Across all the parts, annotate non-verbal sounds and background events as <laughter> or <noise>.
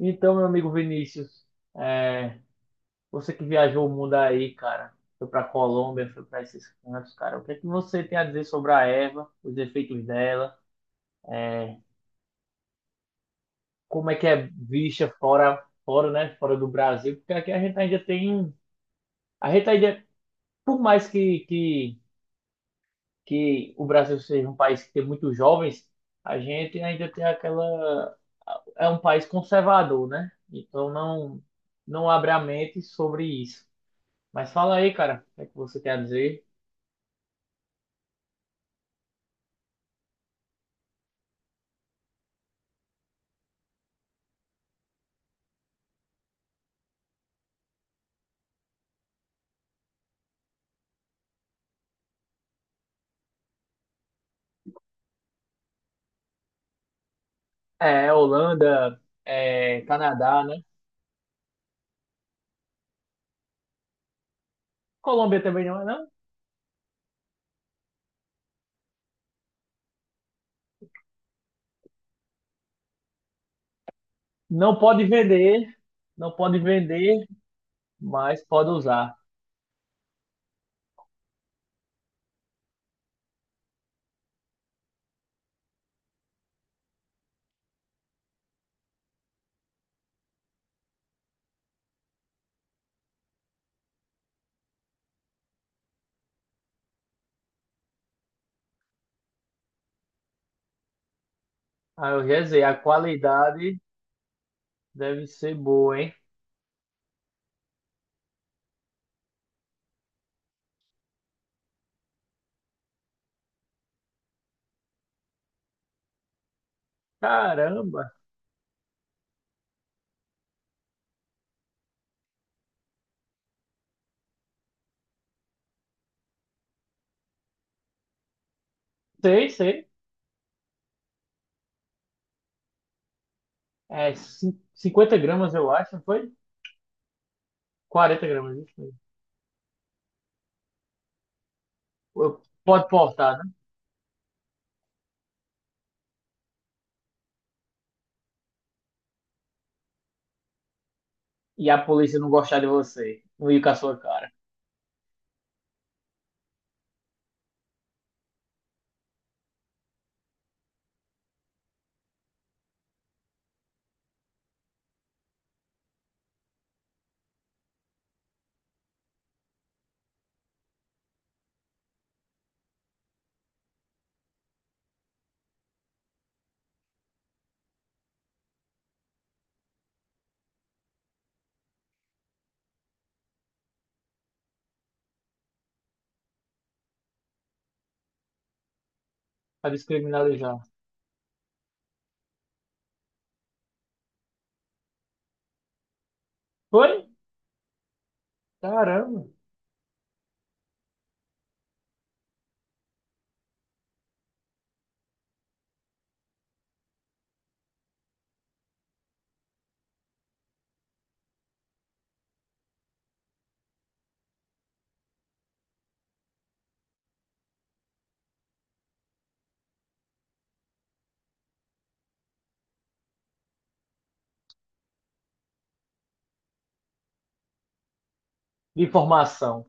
Então, meu amigo Vinícius, é, você que viajou o mundo aí, cara, foi pra Colômbia, foi pra esses cantos, cara, o que é que você tem a dizer sobre a erva, os efeitos dela, como é que é vista fora, fora, né, fora do Brasil? Porque aqui a gente ainda tem, um, a gente ainda, por mais que, que o Brasil seja um país que tem muitos jovens, a gente ainda tem aquela, é um país conservador, né? Então não abre a mente sobre isso. Mas fala aí, cara, o que é que você quer dizer? Holanda, Canadá, né? Colômbia também não é, não? Não pode vender, não pode vender, mas pode usar. Ah, eu já sei, a qualidade deve ser boa, hein? Caramba! Sei, sei. 50 gramas, eu acho, não foi? 40 gramas, isso mesmo. Pode portar, né? E a polícia não gostar de você, não ir com a sua cara, pra descriminalizar. Foi? Caramba! De informação.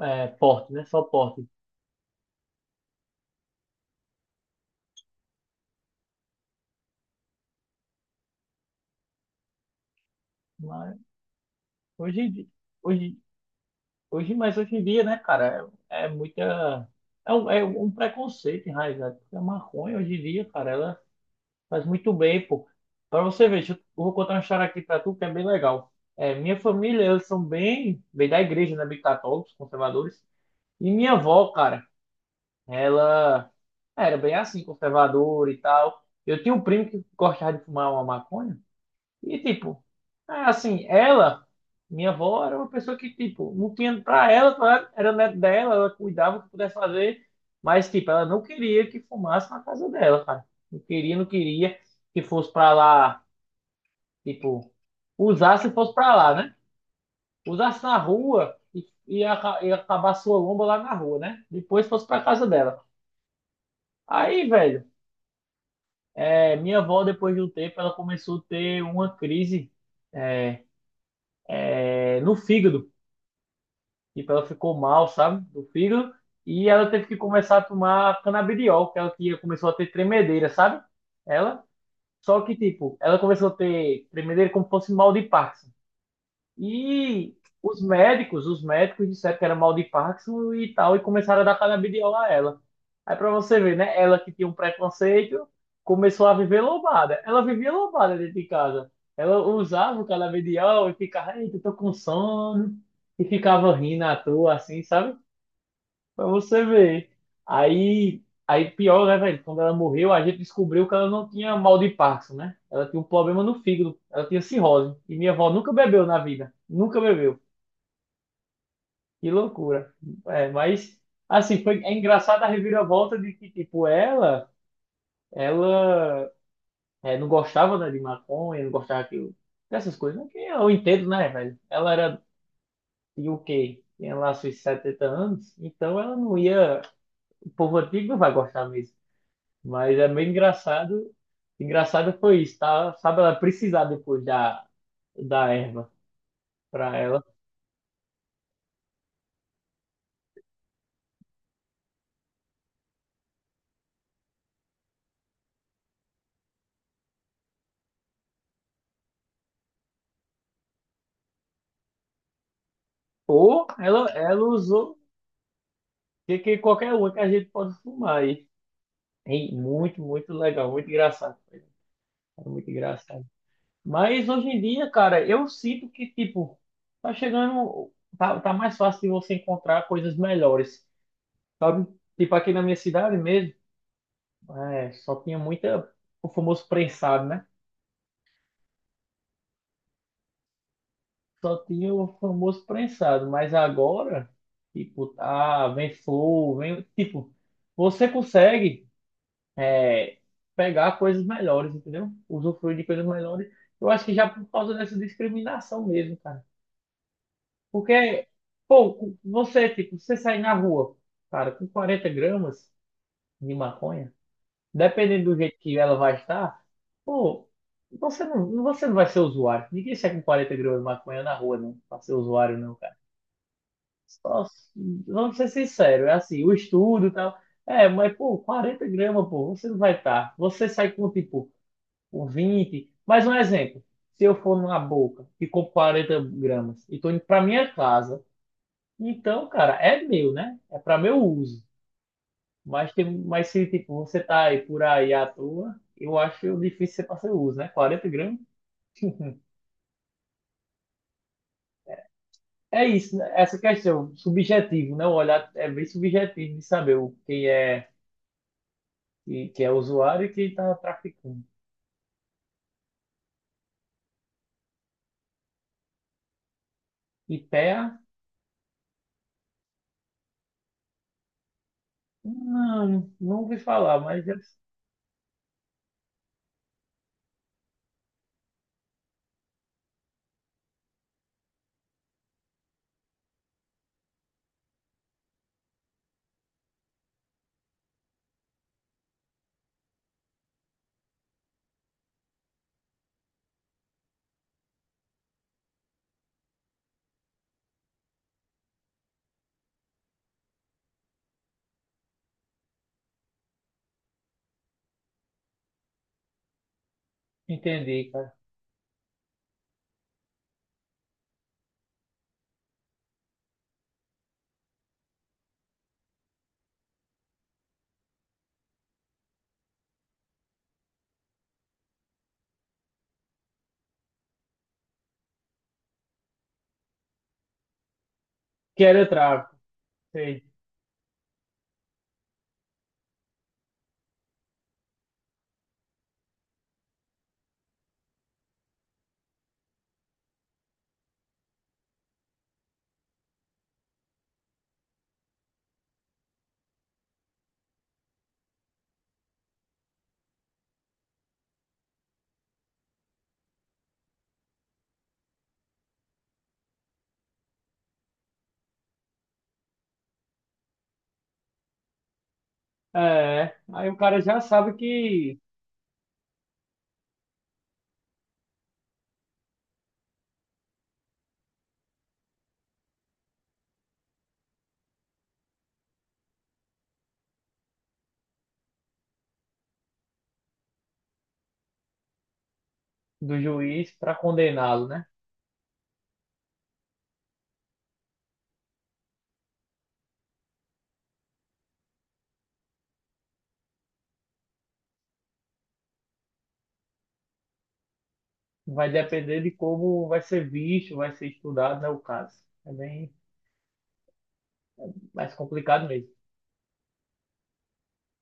É, porte, né? Só porte. Mas hoje, em di- hoje, hoje, mas hoje em dia, né, cara, é muita. É um preconceito enraizado. Porque a maconha hoje em dia, cara, ela faz muito bem, pô. Pra você ver, eu vou contar uma história aqui pra tu que é bem legal. É, minha família, eles são bem da igreja, né? Bem católicos, conservadores. E minha avó, cara, ela era bem assim, conservadora e tal. Eu tinha um primo que gostava de fumar uma maconha. E tipo, é assim, ela, minha avó era uma pessoa que, tipo, não tinha pra ela, claro, era neto dela, ela cuidava o que pudesse fazer, mas, tipo, ela não queria que fumasse na casa dela, cara. Não queria que fosse pra lá, tipo, usasse e fosse pra lá, né? Usasse na rua e acabar sua lomba lá na rua, né? Depois fosse pra casa dela. Aí, velho, minha avó, depois de um tempo, ela começou a ter uma crise, é, no fígado. Tipo, ela ficou mal, sabe? Do fígado. E ela teve que começar a tomar canabidiol, que é ela tinha, começou a ter tremedeira, sabe? Ela. Só que, tipo, ela começou a ter tremedeira como se fosse mal de Parkinson. E os médicos disseram que era mal de Parkinson e tal, e começaram a dar canabidiol a ela. Aí pra você ver, né? Ela que tinha um preconceito, começou a viver lombada. Ela vivia lombada dentro de casa. Ela usava o canabidiol e ficava, eita, tô com sono. E ficava rindo à toa, assim, sabe? Pra você ver. Aí, aí pior, né, velho? Quando ela morreu, a gente descobriu que ela não tinha mal de Parkinson, né? Ela tinha um problema no fígado. Ela tinha cirrose. E minha avó nunca bebeu na vida. Nunca bebeu. Que loucura. É, mas, assim, foi, é engraçado a reviravolta de que, tipo, ela é, não gostava, né, de maconha, não gostava que, dessas coisas, né? Que eu entendo, né, velho? Ela era de o quê? Tinha lá seus 70 anos. Então ela não ia. O povo antigo não vai gostar mesmo. Mas é bem engraçado. Engraçado foi isso, tá? Sabe, ela precisar depois da, da erva pra ela. Ou ela usou que qualquer uma que a gente pode fumar aí. Hein? Muito legal, muito engraçado. Foi muito engraçado. Mas hoje em dia, cara, eu sinto que, tipo, tá chegando. Tá mais fácil de você encontrar coisas melhores. Sabe? Tipo, aqui na minha cidade mesmo, é, só tinha muita. O famoso prensado, né? Só tinha o famoso prensado, mas agora, tipo, ah, vem flor, vem, tipo, você consegue é, pegar coisas melhores, entendeu? Usufruir de coisas melhores. Eu acho que já por causa dessa discriminação mesmo, cara. Porque, pô, você, tipo, você sair na rua, cara, com 40 gramas de maconha, dependendo do jeito que ela vai estar, pô, você não vai ser usuário. Ninguém sai com 40 gramas de maconha na rua, não, pra ser usuário, não. Só- vamos ser sinceros, é assim, o estudo e tal. É, mas, pô, 40 gramas, pô, você não vai estar. Você sai com, tipo, um 20. Mas um exemplo. Se eu for numa boca e compro 40 gramas e tô indo pra minha casa, então, cara, é meu, né? É pra meu uso. Mas, tem, mas se, tipo, você tá aí por aí à toa, eu acho difícil ser pra seu uso, né? 40 gramas. <laughs> É isso, né? Essa questão, subjetivo, né? O olhar é bem subjetivo de saber quem é. E que é usuário e que está traficando. E IPEA? Não, não ouvi falar, mas eu entendi, cara. Que era tráfico, sei. É, aí o cara já sabe que do juiz para condená-lo, né? Vai depender de como vai ser visto, vai ser estudado, né, o caso. É bem mais complicado mesmo.